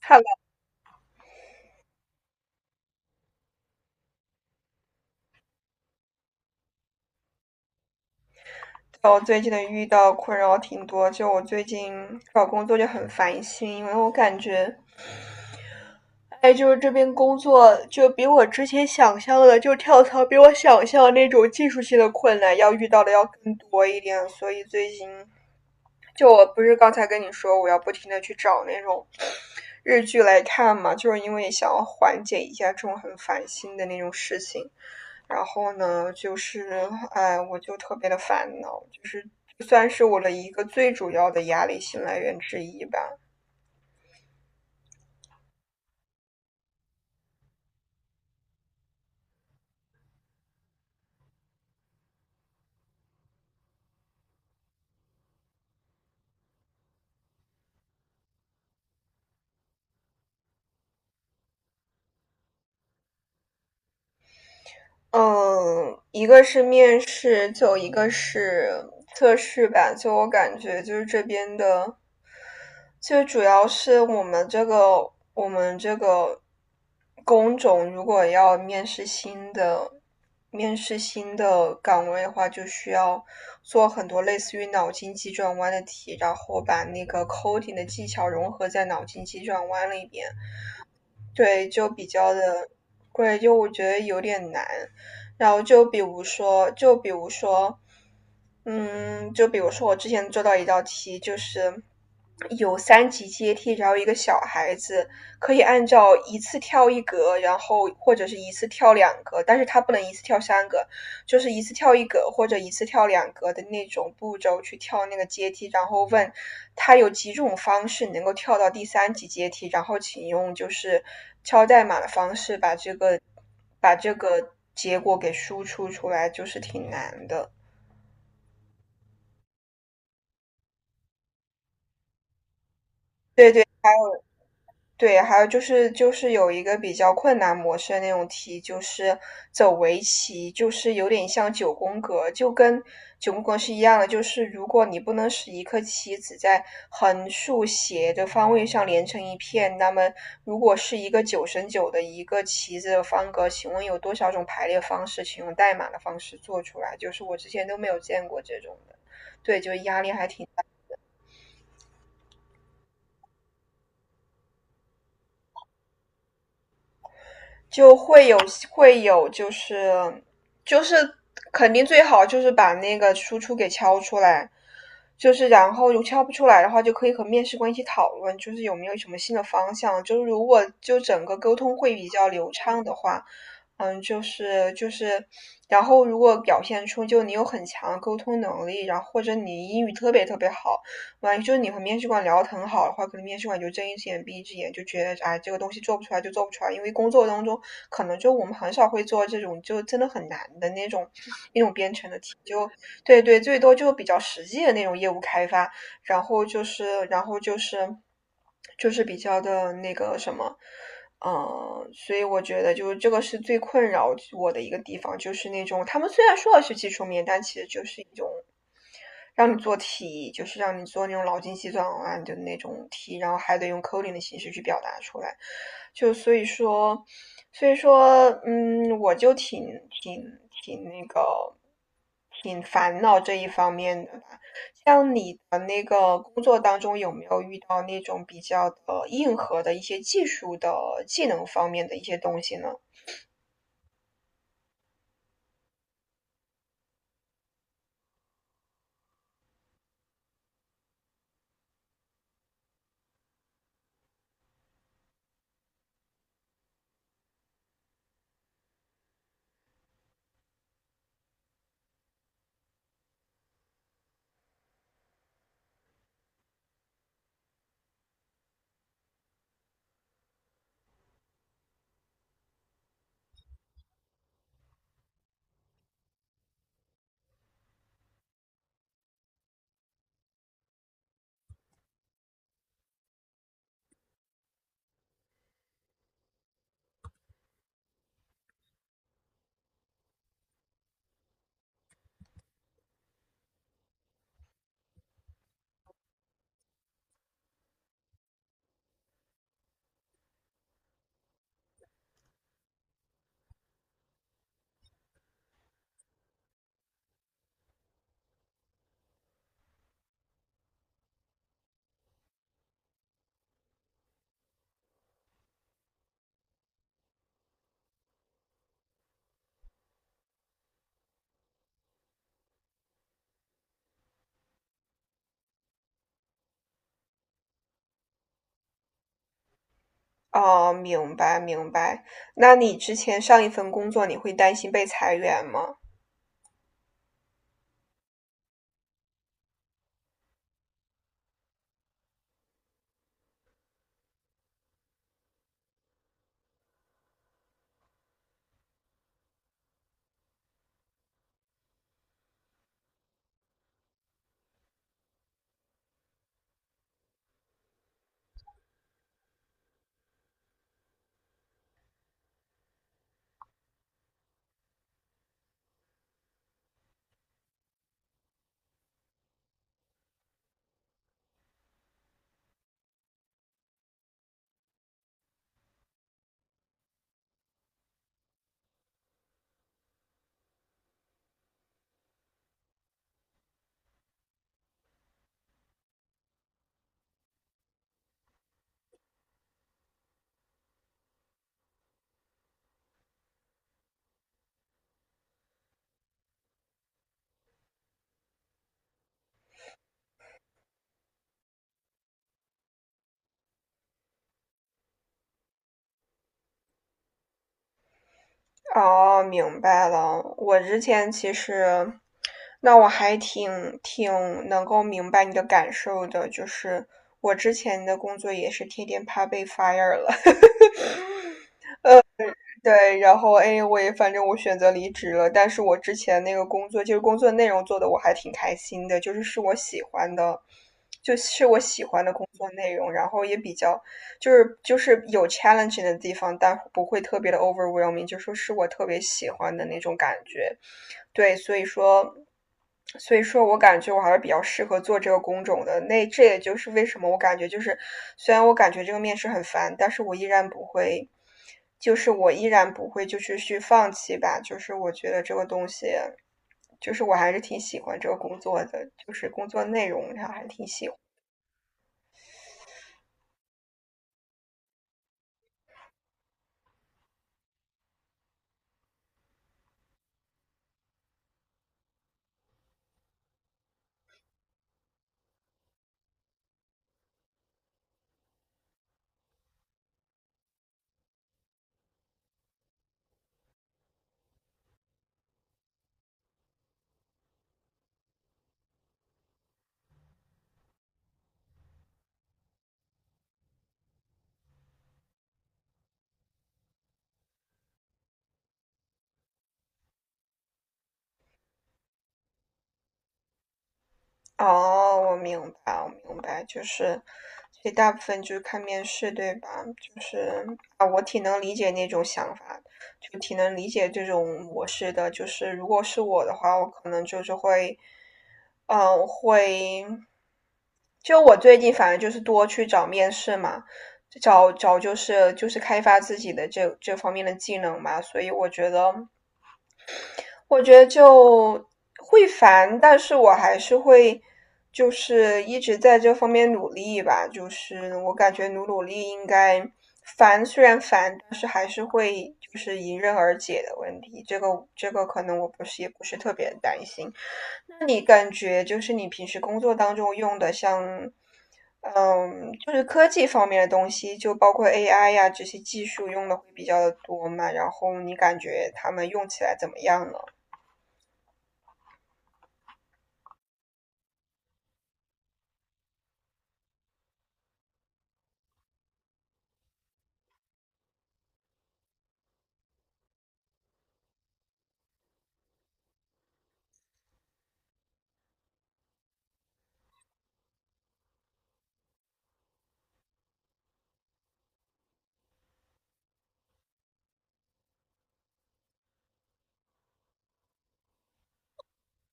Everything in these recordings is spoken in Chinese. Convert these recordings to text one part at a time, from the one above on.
看来我最近的遇到困扰挺多，就我最近找工作就很烦心，因为我感觉，哎，就是这边工作就比我之前想象的，就跳槽比我想象的那种技术性的困难要遇到的要更多一点，所以最近就我不是刚才跟你说我要不停的去找那种日剧来看嘛，就是因为想要缓解一下这种很烦心的那种事情。然后呢，就是哎，我就特别的烦恼，就是算是我的一个最主要的压力性来源之一吧。嗯，一个是面试，就一个是测试吧。就我感觉，就是这边的，就主要是我们这个工种，如果要面试新的岗位的话，就需要做很多类似于脑筋急转弯的题，然后把那个 coding 的技巧融合在脑筋急转弯里边。对，就比较的贵，就我觉得有点难。然后就比如说，就比如说，嗯，就比如说我之前做到一道题，就是有三级阶梯，然后一个小孩子可以按照一次跳一格，然后或者是一次跳两格，但是他不能一次跳三个，就是一次跳一格或者一次跳两格的那种步骤去跳那个阶梯，然后问他有几种方式能够跳到第三级阶梯，然后请用就是敲代码的方式把这个结果给输出出来，就是挺难的。对对对，还有就是有一个比较困难模式的那种题，就是走围棋，就是有点像九宫格，就跟九宫格是一样的。就是如果你不能使一颗棋子在横、竖、斜的方位上连成一片，那么如果是一个九乘九的一个棋子的方格，请问有多少种排列方式？请用代码的方式做出来，就是我之前都没有见过这种的。对，就压力还挺。就会有就是就是肯定最好就是把那个输出给敲出来，就是然后如敲不出来的话，就可以和面试官一起讨论，就是有没有什么新的方向。就是如果就整个沟通会比较流畅的话，嗯，就是，然后如果表现出就你有很强的沟通能力，然后或者你英语特别特别好，万一就是你和面试官聊得很好的话，可能面试官就睁一只眼闭一只眼，就觉得哎这个东西做不出来就做不出来，因为工作当中可能就我们很少会做这种就真的很难的那种那种编程的题，就对对，最多就比较实际的那种业务开发，然后就是比较的那个什么。嗯，所以我觉得就是这个是最困扰我的一个地方，就是那种他们虽然说的是技术面，但其实就是一种让你做题，就是让你做那种脑筋急转弯的那种题，然后还得用 coding 的形式去表达出来。就所以说，所以说，嗯，我就挺挺那个，挺烦恼这一方面的吧。像你的那个工作当中，有没有遇到那种比较的硬核的一些技术的技能方面的一些东西呢？哦，明白明白。那你之前上一份工作，你会担心被裁员吗？哦，明白了。我之前其实，那我还挺能够明白你的感受的，就是我之前的工作也是天天怕被 fire 了，对，然后哎，我也反正我选择离职了，但是我之前那个工作，就是工作内容做的我还挺开心的，就是是我喜欢的，就是我喜欢的工作内容，然后也比较就是有 challenge 的地方，但不会特别的 overwhelming,就说是我特别喜欢的那种感觉。对，所以说我感觉我还是比较适合做这个工种的。那这也就是为什么我感觉就是，虽然我感觉这个面试很烦，但是我依然不会，就是我依然不会就是去放弃吧。就是我觉得这个东西，就是我还是挺喜欢这个工作的，就是工作内容上还挺喜欢。哦，我明白，我明白，就是，所以大部分就是看面试，对吧？就是啊，我挺能理解那种想法，就挺能理解这种模式的。就是如果是我的话，我可能就是会，嗯，会，就我最近反正就是多去找面试嘛，找找就是就是开发自己的这方面的技能嘛，所以我觉得。我觉得就会烦，但是我还是会，就是一直在这方面努力吧。就是我感觉努努力应该烦，虽然烦，但是还是会就是迎刃而解的问题。这个可能我不是也不是特别担心。那你感觉就是你平时工作当中用的像，嗯，就是科技方面的东西，就包括 AI 呀、这些技术用的会比较的多嘛？然后你感觉他们用起来怎么样呢？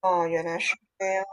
哦，原来是这样